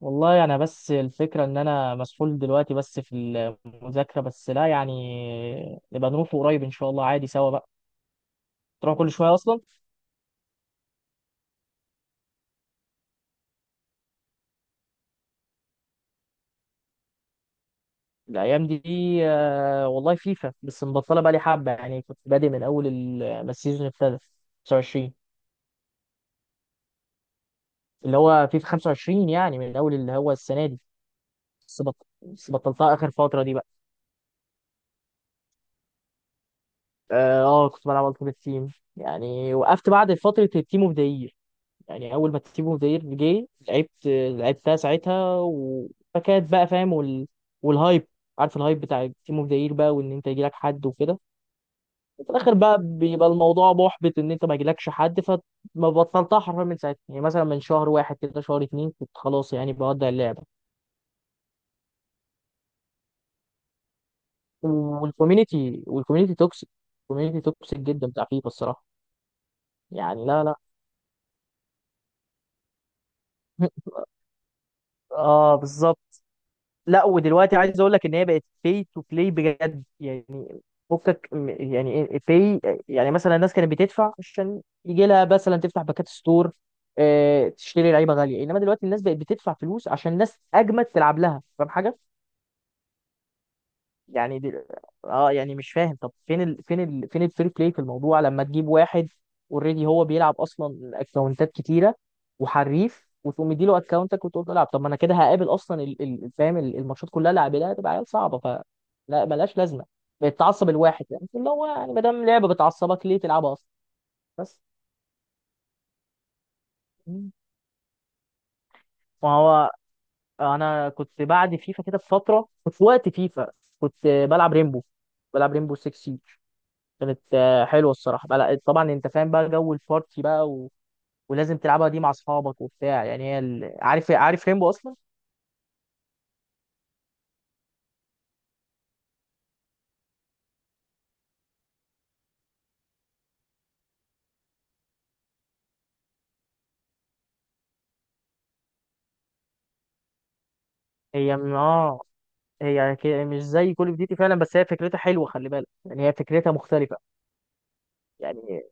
والله انا بس الفكره ان انا مسحول دلوقتي، بس في المذاكره. بس لا، يعني نبقى نروح قريب ان شاء الله عادي سوا بقى. تروح كل شويه اصلا. الايام دي، والله فيفا بس مبطله بقى لي حبه. يعني كنت بادئ من اول ما السيزون ابتدى 25، اللي هو فيفا 25، يعني من اول اللي هو السنه دي. بس بطلتها اخر فتره دي بقى. كنت بلعب التيمت تيم، يعني وقفت بعد فتره التيم اوف ذا. يعني اول ما تيبو فير جه لعبت، لعبتها ساعتها فكانت بقى فاهم والهايب، عارف الهايب بتاع تيمو فير بقى، وان انت يجيلك حد وكده. وفي الاخر بقى بيبقى الموضوع محبط ان انت ما يجيلكش حد، فما بطلتها حرفيا من ساعتها، يعني مثلا من شهر واحد كده، شهر اتنين كنت خلاص يعني بودع اللعبه. والكوميونتي توكسيك. الكوميونتي توكسيك جدا بتاع فيفا الصراحه. يعني لا لا. اه بالظبط. لا ودلوقتي عايز اقول لك ان هي بقت pay to play بجد يعني. فكك يعني pay. يعني مثلا الناس كانت بتدفع عشان يجي لها مثلا تفتح باكات ستور، تشتري لعيبه غاليه. انما دلوقتي الناس بقت بتدفع فلوس عشان الناس اجمد تلعب لها، فاهم حاجه؟ يعني دي، اه يعني مش فاهم، طب فين الفري بلاي في الموضوع؟ لما تجيب واحد اوريدي هو بيلعب اصلا اكونتات كتيره وحريف، وتقوم مديله اكونتك وتقول له العب. طب ما انا كده هقابل اصلا فاهم الماتشات كلها اللي هقابلها هتبقى عيال صعبه. لا ملهاش لازمه. بتعصب الواحد، يعني اللي هو يعني ما دام لعبه بتعصبك ليه تلعبها اصلا؟ بس. مم. ما هو انا كنت بعد فيفا كده بفتره، كنت في وقت فيفا كنت بلعب ريمبو، بلعب ريمبو 6. كانت حلوه الصراحه بقى. لا، طبعا انت فاهم بقى جو البارتي بقى ولازم تلعبها دي مع اصحابك وبتاع. يعني عارف ريمبو اصلا. هي م- اه هي ك- مش زي كول اوف ديوتي فعلا، بس هي فكرتها حلوه. خلي بالك يعني هي فكرتها مختلفه. يعني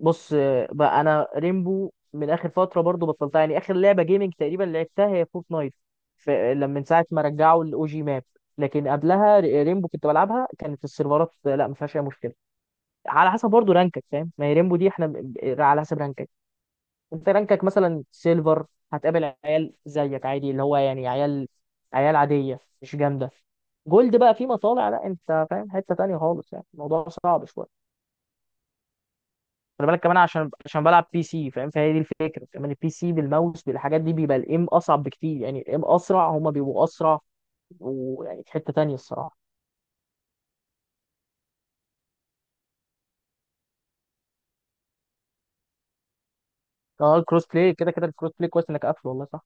بص، بقى انا ريمبو من اخر فتره برضو بطلتها. يعني اخر لعبه جيمنج تقريبا لعبتها هي فورتنايت. لما من ساعه ما رجعوا الاو جي ماب. لكن قبلها ريمبو كنت بلعبها، كانت السيرفرات لا ما فيهاش اي مشكله. على حسب برضه رانكك، فاهم؟ ما هي ريمبو دي احنا على حسب رانكك. انت رانكك مثلا سيلفر، هتقابل عيال زيك عادي، اللي هو يعني عيال عادية مش جامدة. جولد بقى في مطالع، لا انت فاهم حتة تانية خالص، يعني الموضوع صعب شوية. خلي بالك كمان، عشان بلعب بي سي فاهم. فهي دي الفكرة كمان، البي سي بالماوس بالحاجات دي بيبقى الايم اصعب بكتير، يعني الايم اسرع، هما بيبقوا اسرع. ويعني في حتة تانية الصراحة. اه الكروس بلاي كده كده الكروس بلاي كويس انك قافله، والله صح.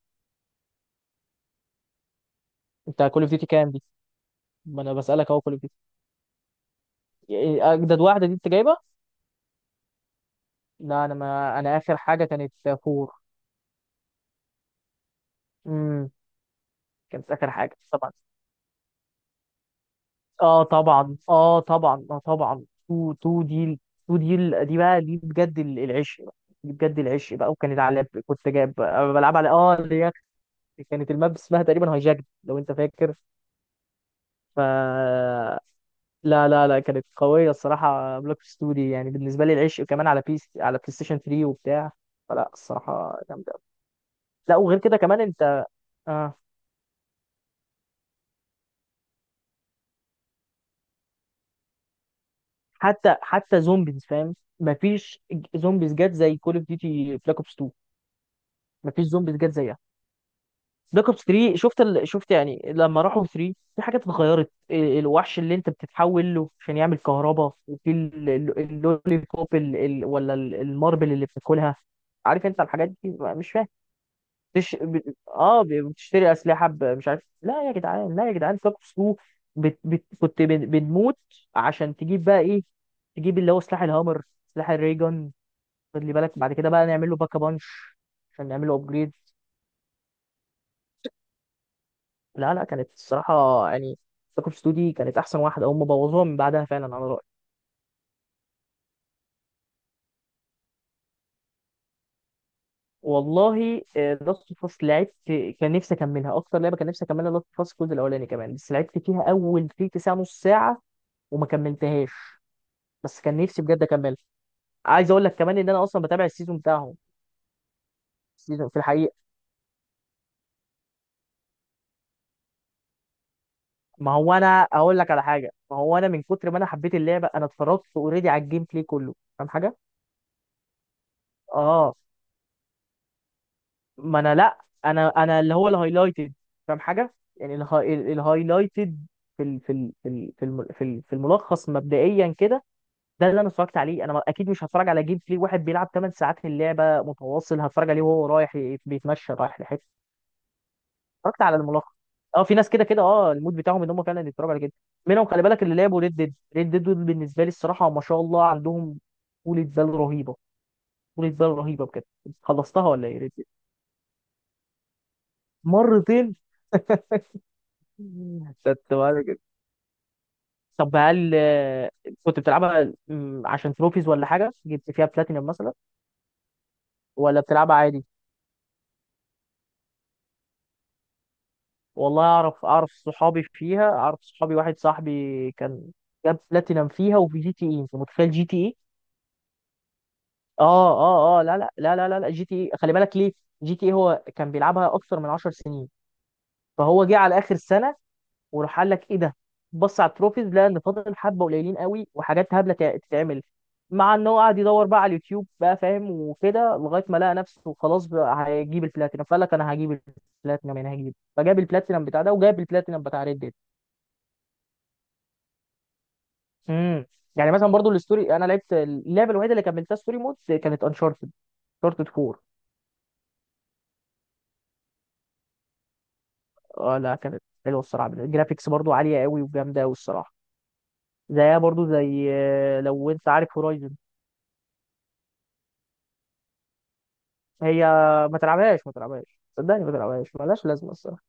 انت كول اوف ديوتي كام دي؟ ما انا بسألك اهو كول إيه، اجدد واحده دي انت جايبه. لا انا، ما انا اخر حاجه كانت فور. امم. كانت اخر حاجه طبعا. اه طبعا طبعا طبعا. تو دي. تو دي، دي بقى، دي بجد العشق بقى. دي بجد العشق بقى، وكانت على كنت جايب، أنا بلعب على اللي هي، كانت الماب اسمها تقريبا هايجاك، لو انت فاكر. ف لا لا لا كانت قويه الصراحه بلاك اوبس 2 دي، يعني بالنسبه لي العشق، كمان على بيس على بلاي ستيشن 3 وبتاع. فلا الصراحه جامده. لا وغير كده كمان انت. اه حتى زومبيز فاهم مفيش. زومبيز جت زي كول اوف ديوتي بلاك اوبس 2، مفيش زومبيز جت زيها. بلاك اوبس 3، شفت يعني لما راحوا 3 في حاجات اتغيرت. الوحش اللي انت بتتحول له عشان يعمل كهرباء، وفي اللولي بوب ولا الماربل اللي بتاكلها، عارف انت الحاجات دي مش فاهم. تش... ب... اه ب- بتشتري اسلحه مش عارف. لا يا جدعان لا يا جدعان ساكو سو. كنت بنموت عشان تجيب بقى ايه، تجيب اللي هو سلاح الهامر، سلاح الريجون. خلي بالك بعد كده بقى نعمل له باكا بانش عشان نعمل له ابجريد. لا لا، كانت الصراحه يعني ساكو سو دي كانت احسن واحده، هم بوظوها من بعدها فعلا على رايي. والله لاست فاس لعبت، كان نفسي اكملها، اكتر لعبه كان نفسي اكملها لاست فاس الجزء الاولاني كمان، بس لعبت فيها اول تلت ساعه، نص ساعه، وما كملتهاش. بس كان نفسي بجد اكمله. عايز اقول لك كمان ان انا اصلا بتابع السيزون بتاعهم السيزون في الحقيقه. ما هو انا اقول لك على حاجه، ما هو انا من كتر ما انا حبيت اللعبه انا اتفرجت اوريدي على الجيم بلاي كله، فاهم حاجه؟ اه ما انا لا، انا اللي هو الهايلايتد، فاهم حاجه؟ يعني الهايلايتد في الملخص مبدئيا كده. ده اللي انا اتفرجت عليه، انا ما- اكيد مش هتفرج على جيم بلاي واحد بيلعب 8 ساعات في اللعبه متواصل، هتفرج عليه وهو رايح بيتمشى رايح لحته. اتفرجت على الملخص. اه في ناس كده كده، المود بتاعهم ان هم فعلا يتفرجوا على كده. منهم، خلي بالك اللي لعبوا ريد ديد دول، بالنسبه لي الصراحه ما شاء الله عندهم طولة بال رهيبه، طولة بال رهيبه بجد. خلصتها ولا ايه ريد ديد؟ مرتين؟ خدت بالي كده. طب هل، كنت بتلعبها عشان تروفيز ولا حاجه، جبت فيها بلاتينم مثلا، ولا بتلعبها عادي؟ والله اعرف صحابي فيها، اعرف صحابي، واحد صاحبي كان جاب بلاتينم فيها، وفي جي تي اي، انت متخيل جي تي اي! اه اه لا لا لا لا لا لا جي تي اي خلي بالك ليه. جي تي اي هو كان بيلعبها اكثر من 10 سنين، فهو جه على اخر سنه وراح قال لك ايه ده. بص على التروفيز لقى ان فاضل حبه قليلين قوي، وحاجات هبله تتعمل، مع ان هو قعد يدور بقى على اليوتيوب بقى فاهم وكده لغايه ما لقى نفسه خلاص بقى هيجيب البلاتينم. فقال لك انا هجيب البلاتينم، انا هجيب، فجاب البلاتينم بتاع ده وجاب البلاتينم بتاع ريد ديد. امم. يعني مثلا برضو الستوري، انا لعبت اللعبه الوحيده اللي كملتها ستوري مود كانت انشارتد انشارتد 4. اه لا كانت حلوه الصراحه، الجرافيكس برضو عاليه قوي وجامده قوي الصراحه. زيها برضو زي، لو انت عارف هورايزن. هي، ما تلعبهاش ما تلعبهاش، صدقني ما تلعبهاش، ملهاش لازمه الصراحه.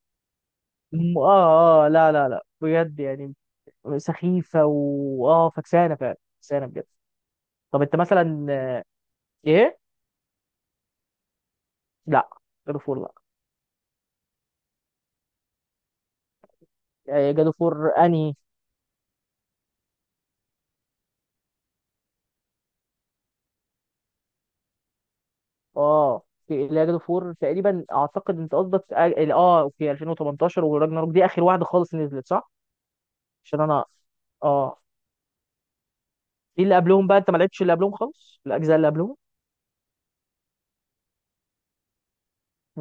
لا لا لا بجد يعني، سخيفه فكسانه فعلا، فكسانه بجد. طب انت مثلا، ايه. لا جادو فور لا. جادو فور انهي؟ اه لا جادو فور تقريبا اعتقد انت قصدك، اوكي 2018 وراجناروك دي اخر واحده خالص نزلت صح؟ عشان انا، اه في اللي قبلهم بقى انت ما لعبتش، اللي قبلهم خالص الاجزاء اللي قبلهم.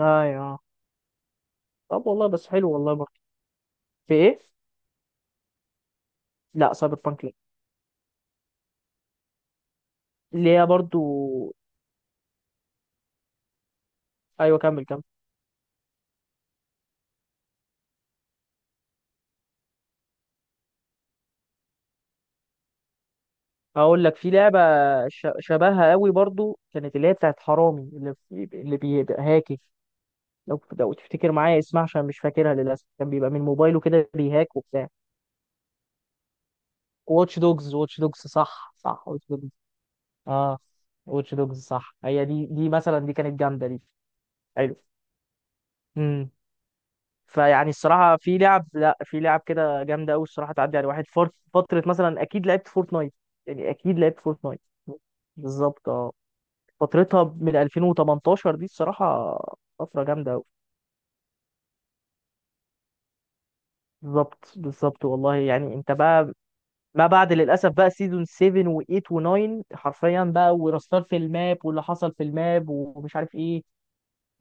ايوه. طب والله بس حلو والله برضه. في ايه؟ لا سايبر بانك لا. اللي هي برضه. ايوه، كمل كمل. هقول لك في لعبه شبهها قوي برضه كانت اللي هي بتاعت حرامي اللي بيبقى هاكي، لو تفتكر معايا اسمها، عشان مش فاكرها للاسف، كان بيبقى من موبايله كده بيهاك وبتاع. واتش دوجز، واتش دوجز صح صح واتش دوجز. اه واتش دوجز صح. هي دي مثلا، دي كانت جامده دي. حلو. امم. فيعني الصراحه في لعب لا في لعب كده جامده قوي الصراحه. تعدي على واحد فورت فتره مثلا، اكيد لعبت فورتنايت، يعني اكيد لعبت فورتنايت. بالظبط. اه فترتها من 2018 دي الصراحه، فتره جامده قوي. بالظبط بالظبط والله يعني انت بقى. ما بعد للاسف بقى سيزون 7 و8 و9 حرفيا بقى ورستار في الماب واللي حصل في الماب ومش عارف ايه.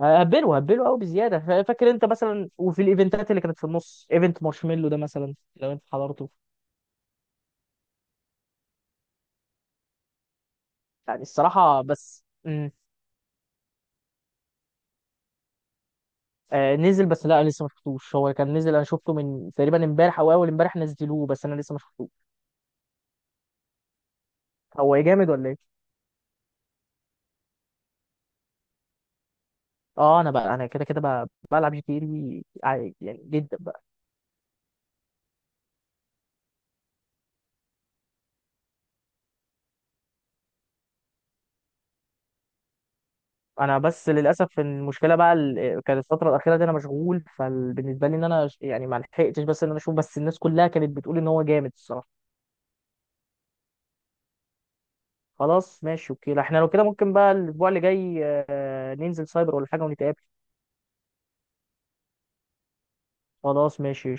هبلوا هبلوا قوي بزياده. فاكر انت مثلا وفي الايفنتات اللي كانت في النص ايفنت مارشميلو ده مثلا لو انت حضرته. يعني الصراحه بس. مم. آه نزل، بس لا لسه ما شفتوش. هو كان نزل، انا شفته من تقريبا امبارح او اول امبارح نزلوه بس انا لسه ما شفتوش. هو جامد ولا ايه؟ اه. انا بقى انا كده كده بقى بلعب جي تي اي عادي يعني جدا بقى. انا بس للاسف المشكله بقى كانت الفتره الاخيره دي انا مشغول، فبالنسبه لي ان انا يعني ما لحقتش بس ان انا اشوف، بس الناس كلها كانت بتقول ان هو جامد الصراحه. خلاص ماشي اوكي. لا احنا لو كده ممكن بقى الاسبوع اللي جاي ننزل سايبر ولا حاجه ونتقابل. خلاص ماشي.